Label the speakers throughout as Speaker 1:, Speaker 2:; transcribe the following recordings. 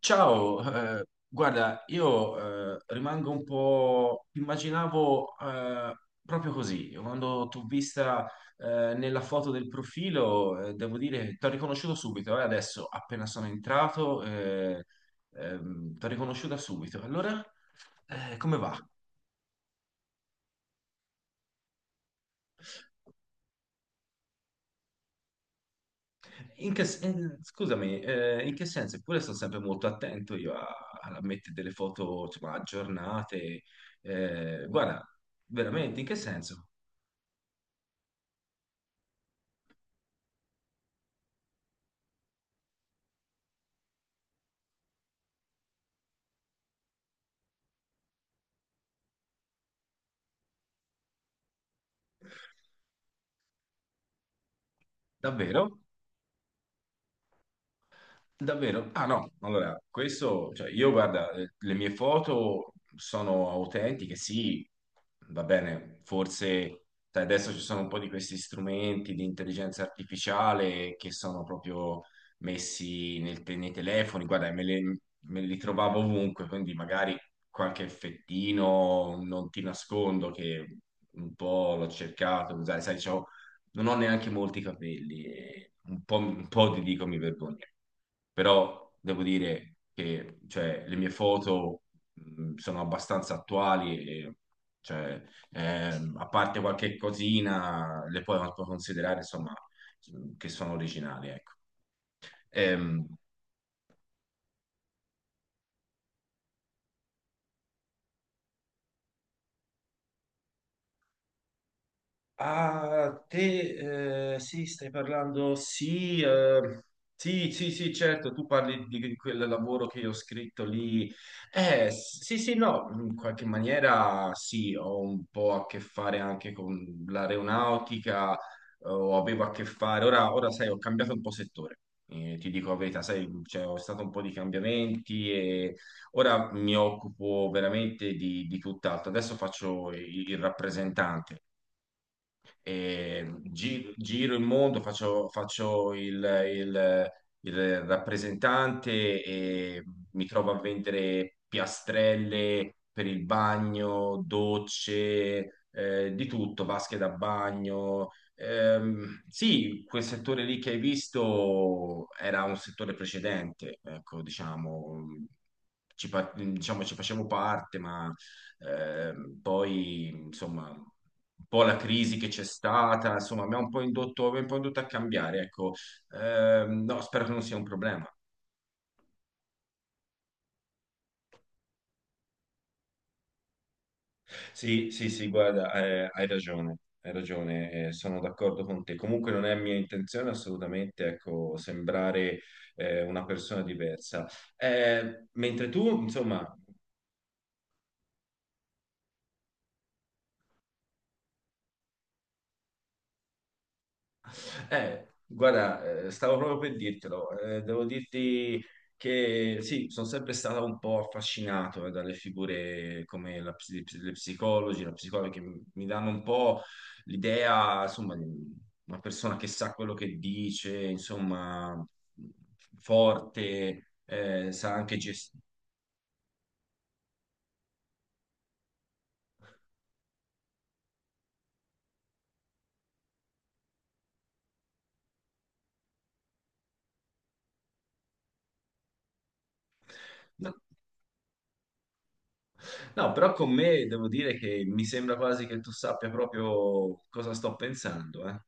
Speaker 1: Ciao, guarda, io rimango un po'... Immaginavo proprio così, quando t'ho vista nella foto del profilo, devo dire che t'ho riconosciuto subito, adesso appena sono entrato, t'ho riconosciuta subito. Allora, come va? Scusami, in che senso? Eppure sto sempre molto attento io a, a mettere delle foto, insomma, aggiornate. Guarda, veramente, in che senso? Davvero? Davvero? Ah no, allora, questo, cioè io guarda, le mie foto sono autentiche, sì, va bene, forse sai, adesso ci sono un po' di questi strumenti di intelligenza artificiale che sono proprio messi nei telefoni, guarda, me li trovavo ovunque, quindi magari qualche effettino, non ti nascondo che un po' l'ho cercato di usare, sai, non ho neanche molti capelli, e un po' ti dico mi vergogno, però devo dire che cioè, le mie foto sono abbastanza attuali e cioè, a parte qualche cosina le puoi considerare insomma che sono originali, ecco. Ehm, Ah, te, sì, stai parlando, sì, sì, sì, sì, certo, tu parli di quel lavoro che io ho scritto lì. Sì, sì, no, in qualche maniera sì, ho un po' a che fare anche con l'aeronautica, o avevo a che fare, ora, ora sai, ho cambiato un po' settore, ti dico la verità, sai, cioè, ho stato un po' di cambiamenti e ora mi occupo veramente di tutt'altro, adesso faccio il rappresentante e giro il mondo, faccio, faccio il- il rappresentante e mi trovo a vendere piastrelle per il bagno, docce, di tutto, vasche da bagno. Sì, quel settore lì che hai visto era un settore precedente, ecco, diciamo, diciamo, ci facevo parte, ma poi, insomma, un po' la crisi che c'è stata, insomma, mi ha un po' indotto, mi ha un po' indotto a cambiare, ecco. No, spero che non sia un problema. Sì, sì, sì, guarda, hai ragione, sono d'accordo con te. Comunque non è mia intenzione assolutamente, ecco, sembrare una persona diversa. Mentre tu, insomma, guarda, stavo proprio per dirtelo. Devo dirti che sì, sono sempre stato un po' affascinato dalle figure come le psicologi, la psicologa, che mi danno un po' l'idea, insomma, di una persona che sa quello che dice, insomma, forte, sa anche gestire. No, no, però con me devo dire che mi sembra quasi che tu sappia proprio cosa sto pensando, eh.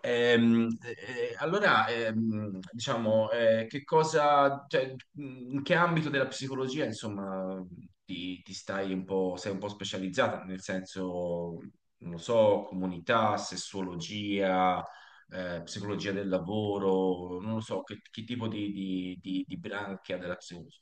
Speaker 1: Allora, diciamo, che cosa, cioè, in che ambito della psicologia, insomma, ti stai un po', sei un po' specializzata, nel senso, non lo so, comunità, sessuologia, psicologia del lavoro, non lo so, che tipo di, di branchia della psicologia?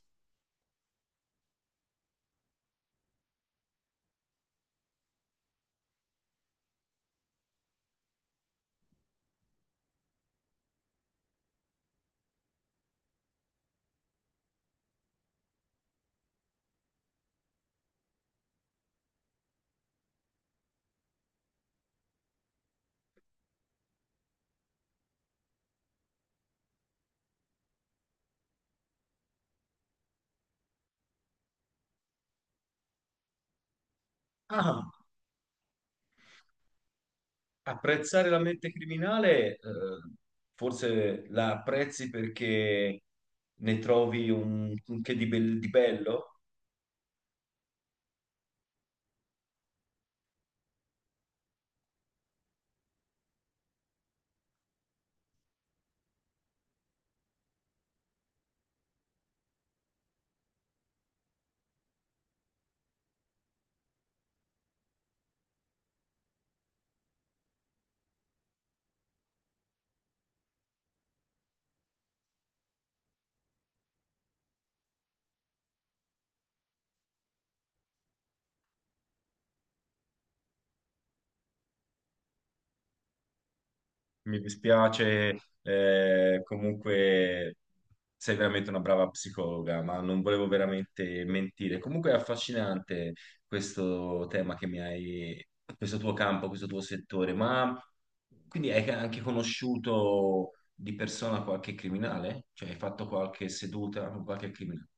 Speaker 1: Ah. Apprezzare la mente criminale, forse la apprezzi perché ne trovi un che di, di bello. Mi dispiace, comunque sei veramente una brava psicologa, ma non volevo veramente mentire. Comunque è affascinante questo tema che mi hai, questo tuo campo, questo tuo settore, ma quindi hai anche conosciuto di persona qualche criminale? Cioè hai fatto qualche seduta con qualche criminale?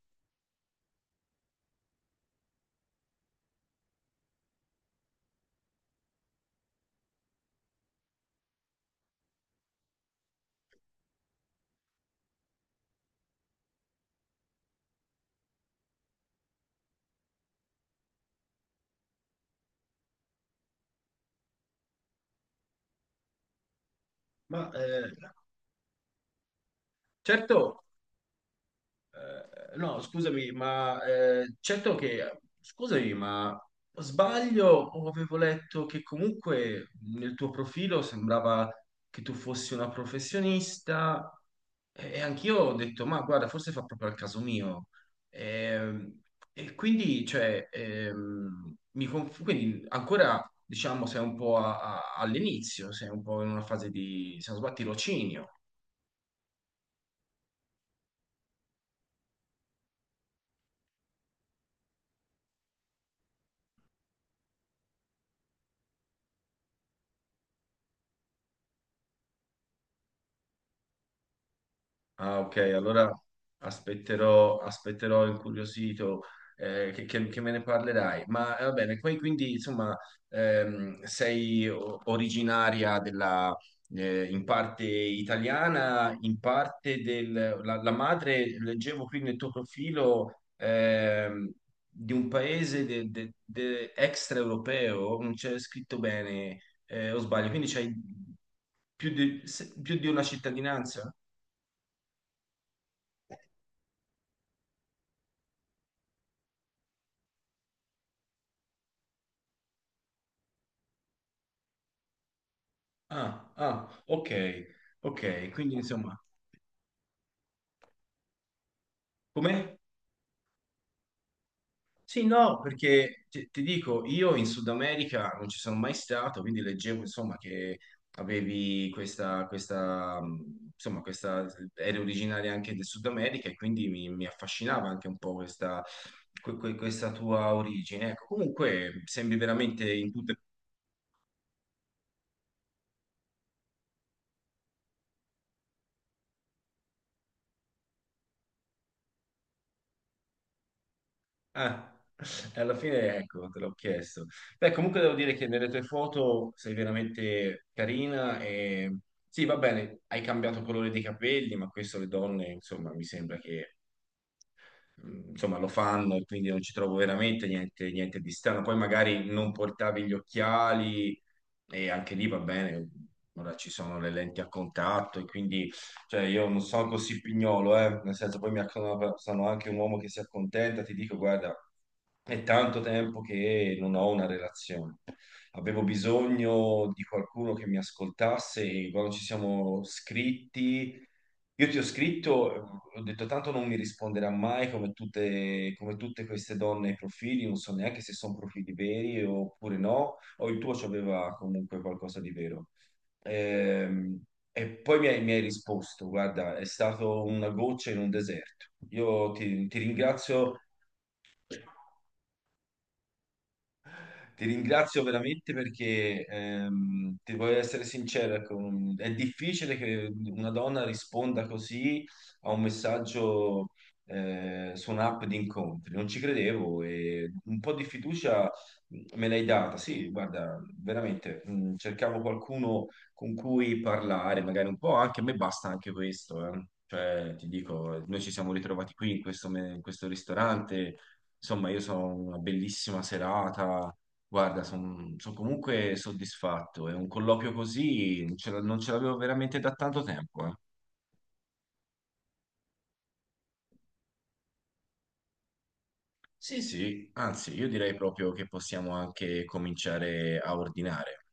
Speaker 1: Ma eh, certo, no, scusami, certo che, scusami, ma sbaglio o avevo letto che comunque nel tuo profilo sembrava che tu fossi una professionista e anch'io ho detto, ma guarda, forse fa proprio al caso mio. Ehm, E, quindi, cioè, quindi ancora, diciamo, sei un po' all'inizio, sei un po' in una fase di, se non sbaglio, tirocinio. Ah, ok, allora aspetterò, aspetterò incuriosito che, che me ne parlerai. Va bene, poi quindi insomma sei originaria della, in parte italiana, in parte del... La, la madre, leggevo qui nel tuo profilo, di un paese extraeuropeo, non c'è scritto bene, o sbaglio, quindi c'hai più di, più di una cittadinanza? Ah, ah, ok, ok, quindi insomma, come? Sì, no, perché ti dico, io in Sud America non ci sono mai stato, quindi leggevo insomma che avevi questa, questa, insomma, questa, eri originaria anche del Sud America e quindi mi affascinava anche un po' questa, questa tua origine. Ecco, comunque sembri veramente in tutto. Ah, e alla fine ecco, te l'ho chiesto. Beh, comunque devo dire che nelle tue foto sei veramente carina e sì, va bene, hai cambiato colore dei capelli, ma questo le donne, insomma, mi sembra che insomma, lo fanno e quindi non ci trovo veramente niente, niente di strano. Poi magari non portavi gli occhiali e anche lì va bene, ora ci sono le lenti a contatto e quindi cioè, io non sono così pignolo, nel senso poi sono anche un uomo che si accontenta, ti dico, guarda, è tanto tempo che non ho una relazione. Avevo bisogno di qualcuno che mi ascoltasse e quando ci siamo scritti io ti ho scritto, ho detto tanto non mi risponderà mai come tutte, come tutte queste donne ai profili, non so neanche se sono profili veri oppure no, o il tuo c'aveva comunque qualcosa di vero. Ehm, e poi mi hai risposto, guarda, è stato una goccia in un deserto. Io ti ringrazio. Ti ringrazio veramente perché ti voglio essere sincero, ecco, è difficile che una donna risponda così a un messaggio su un'app di incontri. Non ci credevo e un po' di fiducia me l'hai data. Sì, guarda, veramente cercavo qualcuno con cui parlare, magari un po', anche a me basta anche questo, eh. Cioè, ti dico, noi ci siamo ritrovati qui in questo ristorante. Insomma, io sono una bellissima serata. Guarda, sono comunque soddisfatto. È un colloquio così, non non ce l'avevo veramente da tanto tempo, eh. Sì, sì, anzi, io direi proprio che possiamo anche cominciare a ordinare.